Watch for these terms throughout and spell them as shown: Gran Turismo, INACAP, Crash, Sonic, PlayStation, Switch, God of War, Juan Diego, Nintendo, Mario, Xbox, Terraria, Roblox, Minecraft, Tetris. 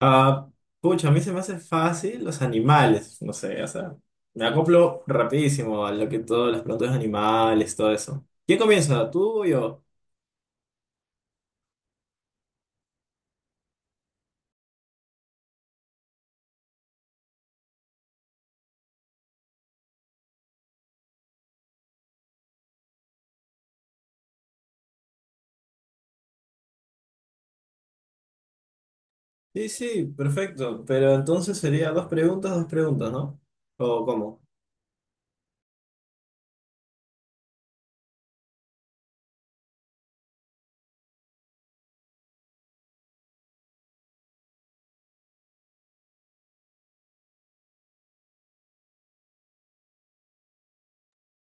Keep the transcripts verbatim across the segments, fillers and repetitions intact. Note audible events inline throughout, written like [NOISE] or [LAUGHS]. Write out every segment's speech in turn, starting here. Ah, pucha, a mí se me hace fácil los animales, no sé, o sea, me acoplo rapidísimo a lo que todas las plantas animales, todo eso. ¿Quién comienza? ¿Tú o yo? Sí, sí, perfecto, pero entonces sería dos preguntas, dos preguntas, ¿no? ¿O cómo?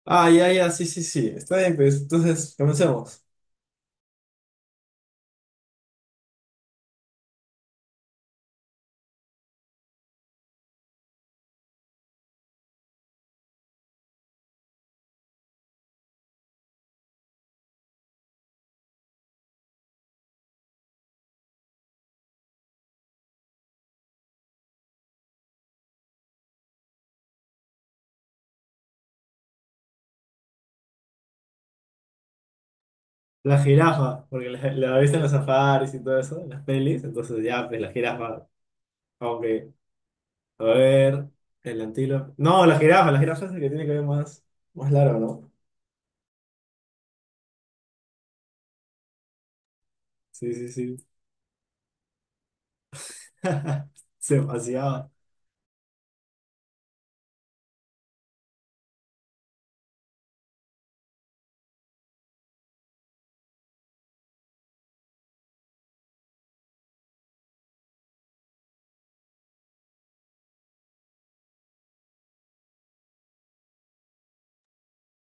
Ah, ya, ya, sí, sí, sí, está bien, pues entonces comencemos. La jirafa, porque la, la viste en los safaris y todo eso, en las pelis, entonces ya, pues la jirafa, aunque, a ver, el antílope. No, la jirafa, la jirafa es el que tiene que ver más, más largo, ¿no? Sí, sí, sí. [LAUGHS] Se paseaba.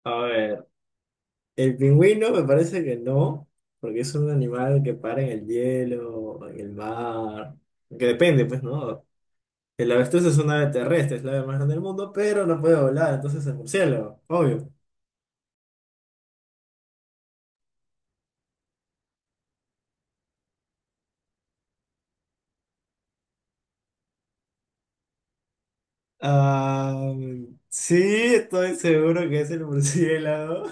A ver, el pingüino me parece que no, porque es un animal que para en el hielo, en el mar. Que depende, pues, ¿no? El avestruz es una ave terrestre, es la ave más grande del mundo, pero no puede volar, entonces es murciélago, obvio. Ah, sí, estoy seguro que es el murciélago.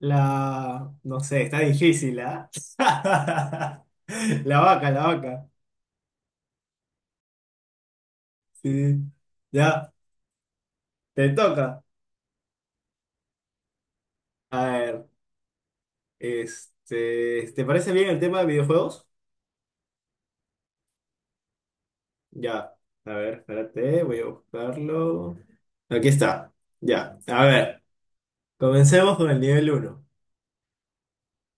La, no sé, está difícil, ¿ah? [LAUGHS] La vaca, la vaca. Sí. Ya, te toca. A ver, este, ¿te parece bien el tema de videojuegos? Ya, a ver, espérate, voy a buscarlo. Aquí está, ya. A ver, comencemos con el nivel uno.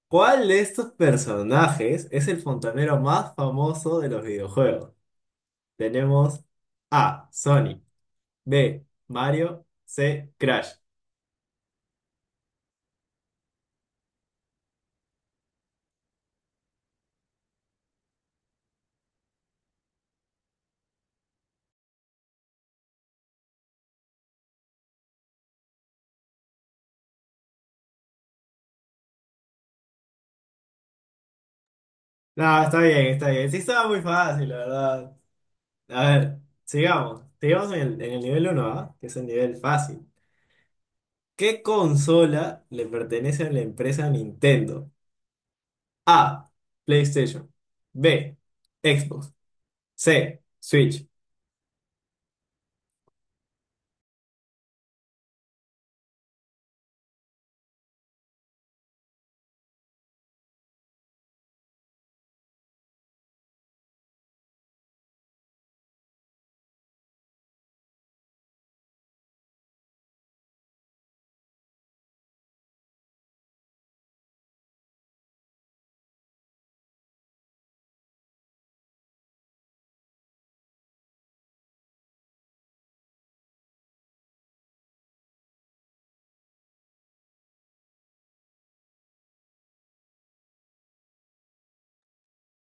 ¿Cuál de estos personajes es el fontanero más famoso de los videojuegos? Tenemos A, Sonic; B, Mario; C, Crash. No, está bien, está bien. Sí, estaba muy fácil, la verdad. A ver, sigamos. Sigamos en el, en el nivel uno, ¿ah? Que es el nivel fácil. ¿Qué consola le pertenece a la empresa Nintendo? A, PlayStation. B, Xbox. C, Switch.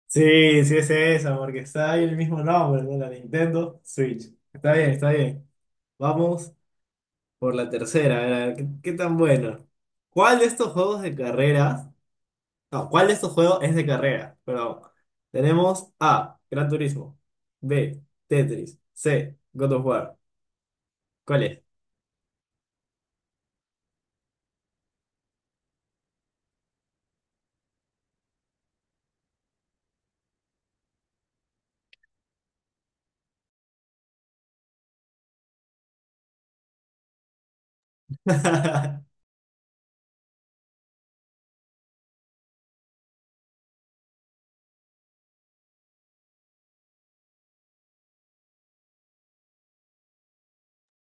Sí, sí es esa, porque está ahí el mismo nombre, ¿no? La Nintendo Switch. Está bien, está bien. Vamos por la tercera, a ver, a ver, ¿qué, qué tan bueno? ¿Cuál de estos juegos de carreras? No, ¿cuál de estos juegos es de carrera? Perdón. Tenemos A, Gran Turismo. B, Tetris. C, God of War. ¿Cuál es? [LAUGHS]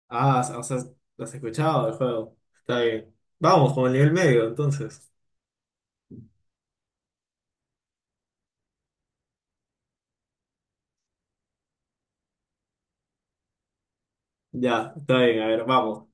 Ah, o sea, has escuchado el juego. Está bien. Vamos con el nivel medio, entonces. Ya, está bien, a ver, vamos.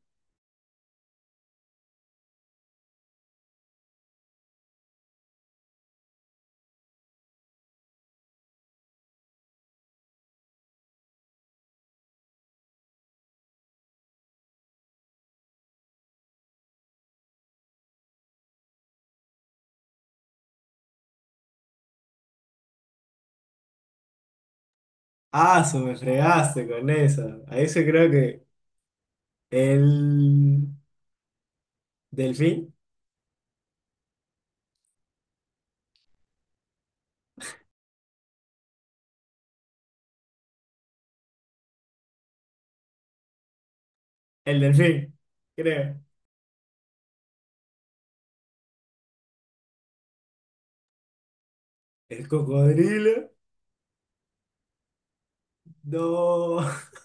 Ah, su, me fregaste con esa. A ese creo que el delfín, el delfín, creo. El cocodrilo, no. [LAUGHS]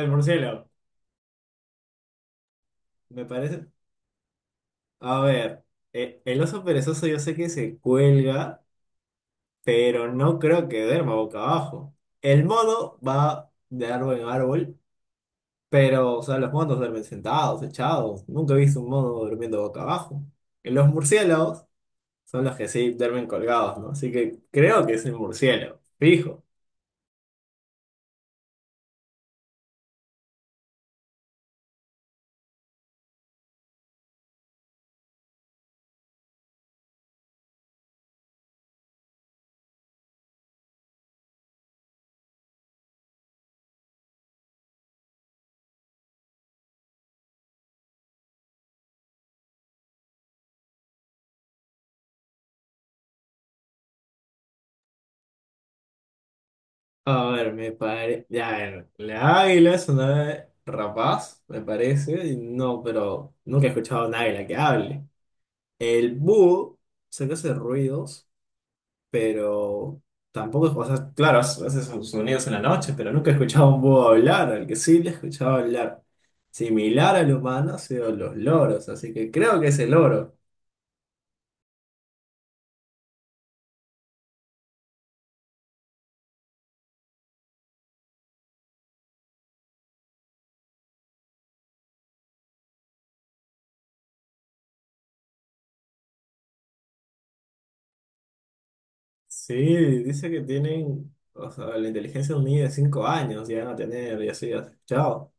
El murciélago, me parece. A ver, e- el oso perezoso yo sé que se cuelga, pero no creo que duerma boca abajo. El mono va de árbol en árbol. Pero, o sea, los monos duermen sentados, echados. Nunca he visto un mono durmiendo boca abajo. Y los murciélagos son los que sí duermen colgados, ¿no? Así que creo que es el murciélago, fijo. A ver, me parece. Ya, a ver, la águila es una ave rapaz, me parece. Y no, pero nunca he escuchado a un águila que hable. El búho, sé que hace ruidos, pero tampoco, o sea, claro, hace hace sus sonidos en la noche, pero nunca he escuchado a un búho hablar, al que sí le he escuchado hablar similar al humano ha sido los loros, así que creo que es el loro. Sí, dice que tienen, o sea, la inteligencia de un niño de cinco años llegan a tener y así, ¿has escuchado?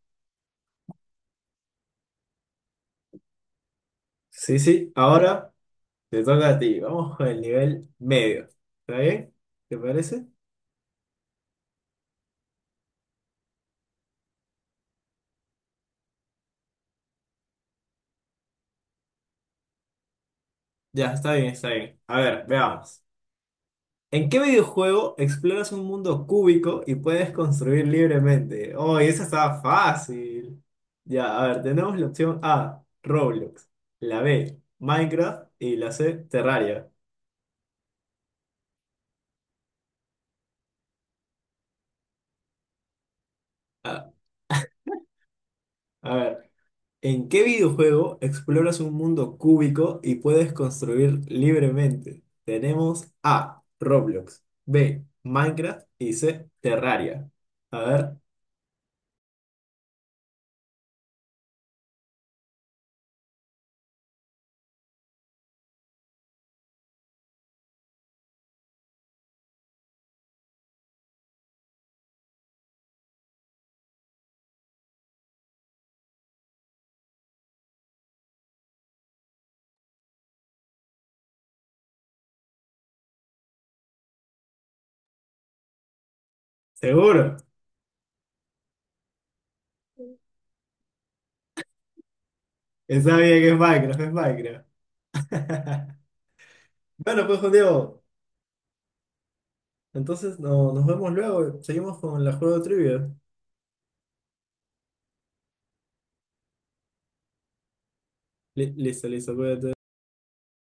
Sí, sí, ahora te toca a ti, vamos con el nivel medio, ¿está bien? ¿Te parece? Ya, está bien, está bien. A ver, veamos. ¿En qué videojuego exploras un mundo cúbico y puedes construir libremente? Oh, y esa estaba fácil. Ya, a ver, tenemos la opción A, Roblox; la B, Minecraft; y la C, Terraria. Ah, a ver, ¿en qué videojuego exploras un mundo cúbico y puedes construir libremente? Tenemos A, Roblox; B, Minecraft; y C, Terraria. A ver, seguro. Está bien que es Minecraft, es Minecraft. [LAUGHS] Bueno, pues, Juan Diego. Entonces no, nos vemos luego. Seguimos con la juego de trivia. Li- listo, listo, cuídate.